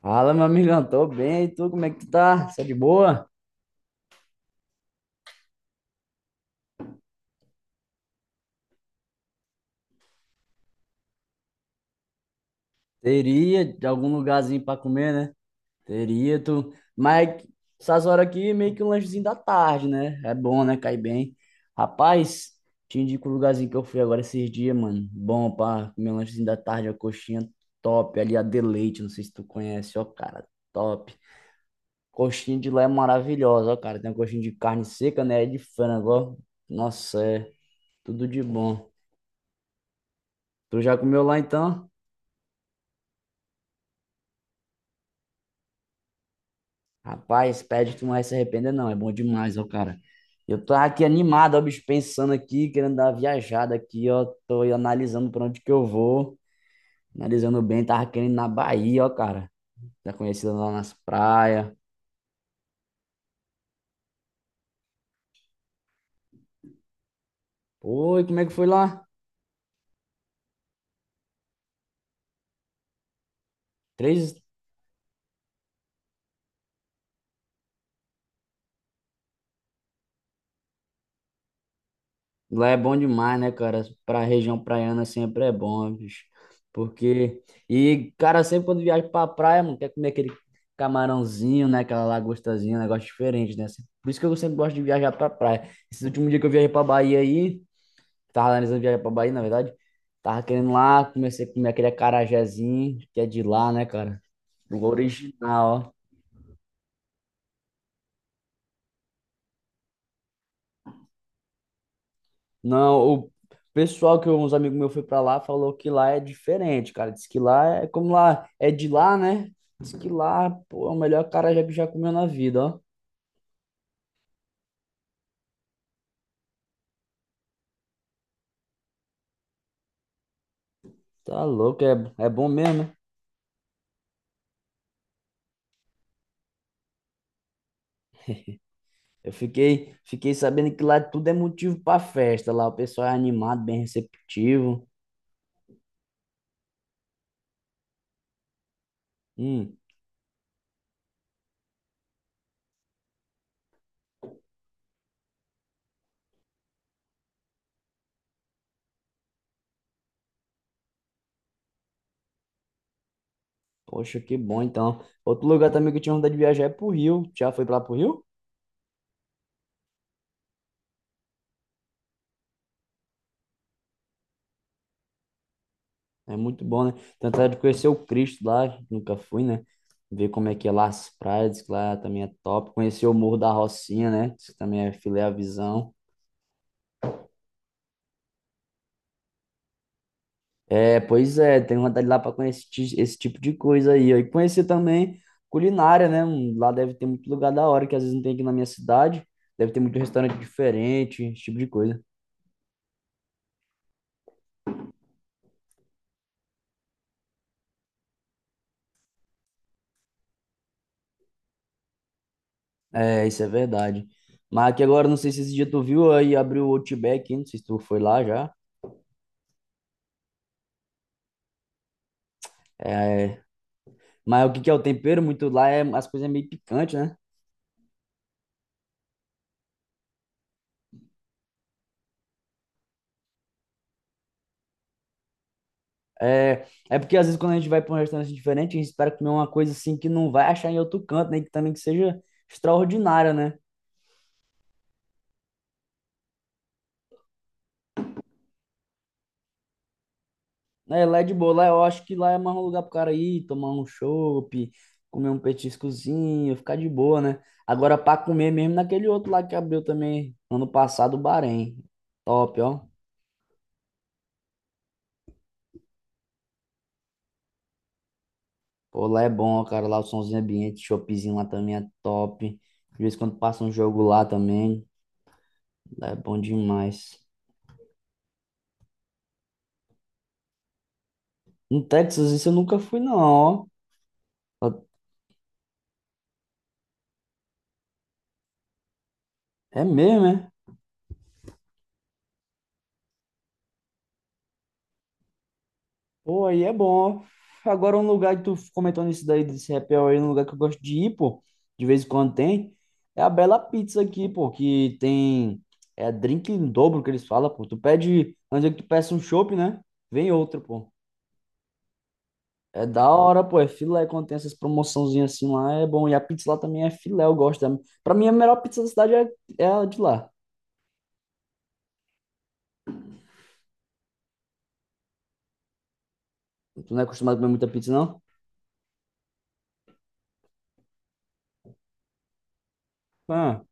Fala, meu amigão, tô bem, e tu, como é que tu tá? Tá de boa? Teria de algum lugarzinho pra comer, né? Mas essas horas aqui, é meio que um lanchezinho da tarde, né? É bom, né? Cai bem. Rapaz, te indico o lugarzinho que eu fui agora esses dias, mano. Bom pra comer um lanchezinho da tarde, a coxinha top. Ali a Deleite, não sei se tu conhece, ó, cara, top. Coxinha de lá é maravilhosa, ó, cara. Tem uma coxinha de carne seca, né? E de frango, ó. Nossa, é tudo de bom. Tu já comeu lá, então? Rapaz, pede, tu não vai se arrepender, não. É bom demais, ó, cara. Eu tô aqui animado, ó, bicho, pensando aqui, querendo dar uma viajada aqui, ó. Tô aí analisando pra onde que eu vou. Analisando bem, tava querendo ir na Bahia, ó, cara. Tá conhecida lá nas praias. Oi, como é que foi lá? Três, Lá é bom demais, né, cara? Pra região praiana sempre é bom, bicho. Porque. E, cara, sempre quando viaja pra praia, mano, quer comer aquele camarãozinho, né? Aquela lagostazinha, um negócio diferente, né? Assim, por isso que eu sempre gosto de viajar pra praia. Esse último dia que eu viajei pra Bahia aí, tava analisando viajar pra Bahia, na verdade. Tava querendo lá, comecei a comer aquele acarajézinho, que é de lá, né, cara? O original, ó. Não, o pessoal que uns amigos meus foi pra lá falou que lá é diferente, cara. Diz que lá é como lá é de lá, né? Diz que lá, pô, é o melhor carajé que já comeu na vida, ó. Tá louco, é, é bom mesmo, né? Eu fiquei sabendo que lá tudo é motivo pra festa. Lá o pessoal é animado, bem receptivo. Hum, poxa, que bom então. Outro lugar também que eu tinha vontade de viajar é pro Rio. Já foi pra lá pro Rio? É muito bom, né? Tentar de conhecer o Cristo lá, que nunca fui, né? Ver como é que é lá as praias, que lá também é top. Conhecer o Morro da Rocinha, né? Diz também é filé à visão. É, pois é, tenho vontade de ir lá para conhecer esse tipo de coisa aí, ó. E conhecer também culinária, né? Lá deve ter muito lugar da hora, que às vezes não tem aqui na minha cidade. Deve ter muito restaurante diferente, esse tipo de coisa. É, isso é verdade. Mas aqui agora, não sei se esse dia tu viu aí, abriu o Outback, hein? Não sei se tu foi lá já. É, mas o que que é o tempero muito lá é as coisas é meio picantes, né? É, é porque às vezes quando a gente vai para um restaurante diferente, a gente espera comer uma coisa assim que não vai achar em outro canto, né? Que também que seja extraordinária, né? É, lá é de boa, lá eu acho que lá é mais um lugar pro cara ir, tomar um chopp, comer um petiscozinho, ficar de boa, né? Agora para comer mesmo naquele outro lá que abriu também ano passado, o Bahrein. Top, ó. Pô, lá é bom, ó, cara, lá o somzinho ambiente, choppzinho lá também é top. De vez em quando passa um jogo lá também. Lá é bom demais. No Texas, isso eu nunca fui, não, ó. É mesmo, é? Pô, aí é bom, ó. Agora, um lugar que tu comentou nisso daí, desse happy hour aí, um lugar que eu gosto de ir, pô, de vez em quando tem, é a Bela Pizza aqui, pô, que tem, é drink em dobro que eles falam, pô. Tu pede, antes que tu peça um chopp, né? Vem outro, pô. É da hora, pô, é filé, quando tem essas promoçãozinhas assim lá, é bom. E a pizza lá também é filé, eu gosto. Pra mim, a melhor pizza da cidade é, é a de lá. Tu não é acostumado a comer muita pizza, não? Ah.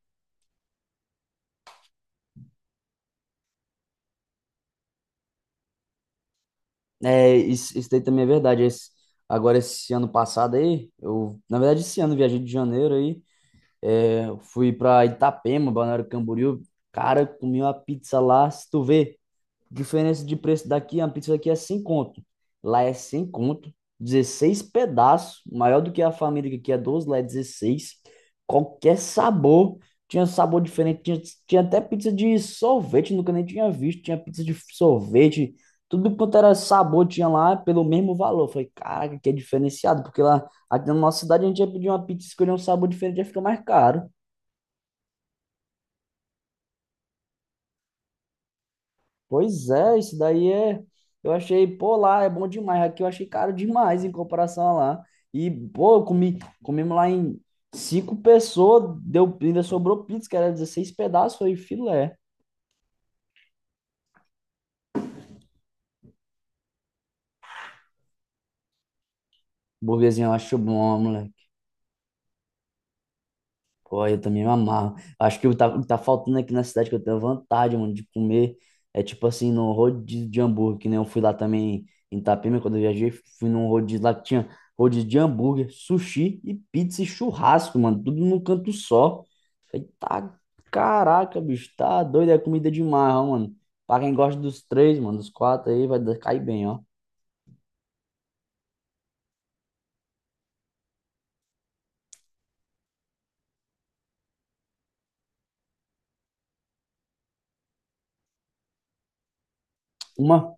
É, isso daí também é verdade. Agora, esse ano passado aí, eu, na verdade, esse ano, eu viajei de janeiro aí, é, fui pra Itapema, Balneário Camboriú. Cara, comi uma pizza lá, se tu vê. Diferença de preço daqui, uma pizza daqui é 100 conto. Lá é 100 conto, 16 pedaços, maior do que a família que aqui é 12 lá é 16. Qualquer sabor, tinha sabor diferente, tinha até pizza de sorvete, nunca nem tinha visto, tinha pizza de sorvete, tudo quanto era sabor tinha lá pelo mesmo valor. Eu falei, caraca, que é diferenciado, porque lá aqui na nossa cidade a gente ia pedir uma pizza e escolher um sabor diferente, ia ficar mais caro. Pois é, isso daí é. Eu achei, pô, lá é bom demais. Aqui eu achei caro demais em comparação a lá. E, pô, eu comi, comemos lá em cinco pessoas, deu, ainda sobrou pizza, que era 16 pedaços, foi filé. Burguesinho eu acho bom. Pô, eu também me amarro. Acho que o que tá faltando aqui na cidade que eu tenho vontade, mano, de comer. É tipo assim, no rodízio de hambúrguer, que nem eu fui lá também em Itapema, quando eu viajei, fui num rodízio lá que tinha rodízio de hambúrguer, sushi e pizza e churrasco, mano, tudo num canto só. Falei, tá, caraca, bicho, tá doido, é comida demais, ó, mano. Pra quem gosta dos três, mano, dos quatro aí, vai cair bem, ó. Uma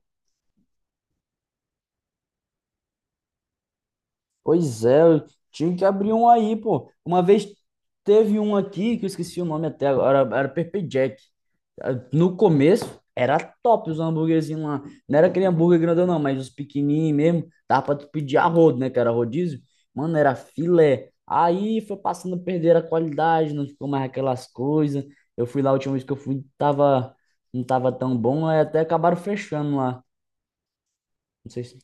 Pois é, eu tinha que abrir um aí, pô. Uma vez teve um aqui que eu esqueci o nome até agora, era Pepper Jack. Ah, no começo era top os hambúrguerzinhos lá. Não era aquele hambúrguer grandão, não, mas os pequenininhos mesmo. Dava pra tu pedir a rodo, né? Que era rodízio. Mano, era filé. Aí foi passando a perder a qualidade, não ficou mais aquelas coisas. Eu fui lá a última vez que eu fui, tava, não tava tão bom, aí até acabaram fechando lá. Não sei se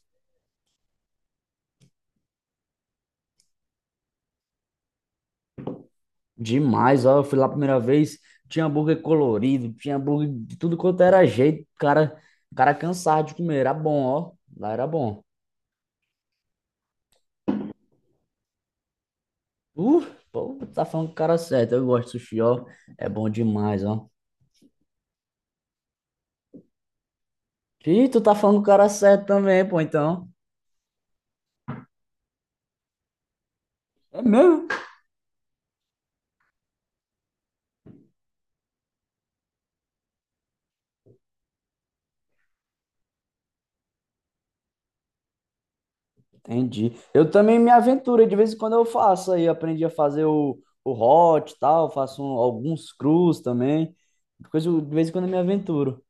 Demais, ó. Eu fui lá a primeira vez, tinha hambúrguer colorido, tinha hambúrguer de tudo quanto era jeito. Cara, cara cansado de comer, era bom, ó. Lá era bom. Uh, Pô, tu tá falando com o cara certo. Eu gosto de sushi, ó. É bom demais, ó. Ih, tu tá falando com o cara certo também, pô, então. É mesmo? Entendi. Eu também me aventuro, de vez em quando eu faço aí, aprendi a fazer o hot e tal, faço alguns crus também. Coisa, de vez em quando eu me aventuro.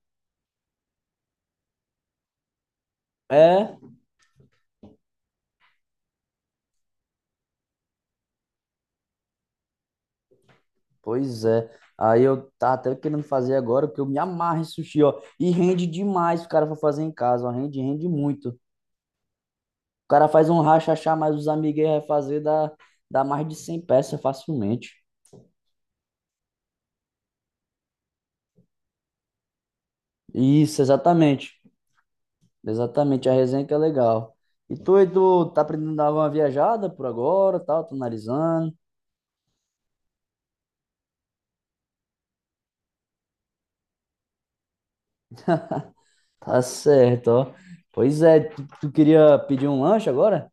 É, pois é. Aí eu tava até querendo fazer agora, porque eu me amarro em sushi, ó. E rende demais se o cara for fazer em casa, ó. Rende muito. O cara faz um rachachá, mas os amigos aí vai fazer, dá mais de 100 peças facilmente. Isso, exatamente. Exatamente, a resenha que é legal. E tu tá aprendendo a dar uma viajada por agora, tal, tô analisando. Tá certo, ó. Pois é, tu queria pedir um lanche agora?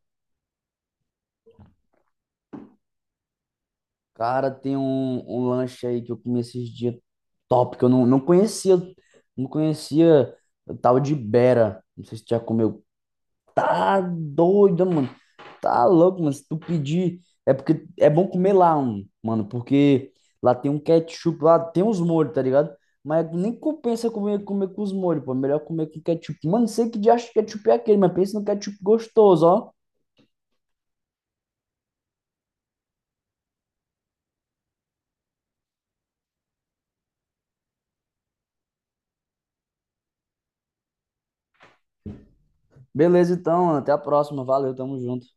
Cara, tem um lanche aí que eu comi esses dias top, que eu não conhecia o tal de Bera. Não sei se tu já comeu. Tá doido, mano. Tá louco, mano. Se tu pedir, é porque é bom comer lá, um, mano, porque lá tem um ketchup, lá tem uns molhos, tá ligado? Mas nem compensa comer com os molhos, pô. É melhor comer com ketchup. Mano, não sei que diacho de ketchup é aquele, mas pensa no ketchup gostoso, ó. Beleza, então, até a próxima. Valeu, tamo junto.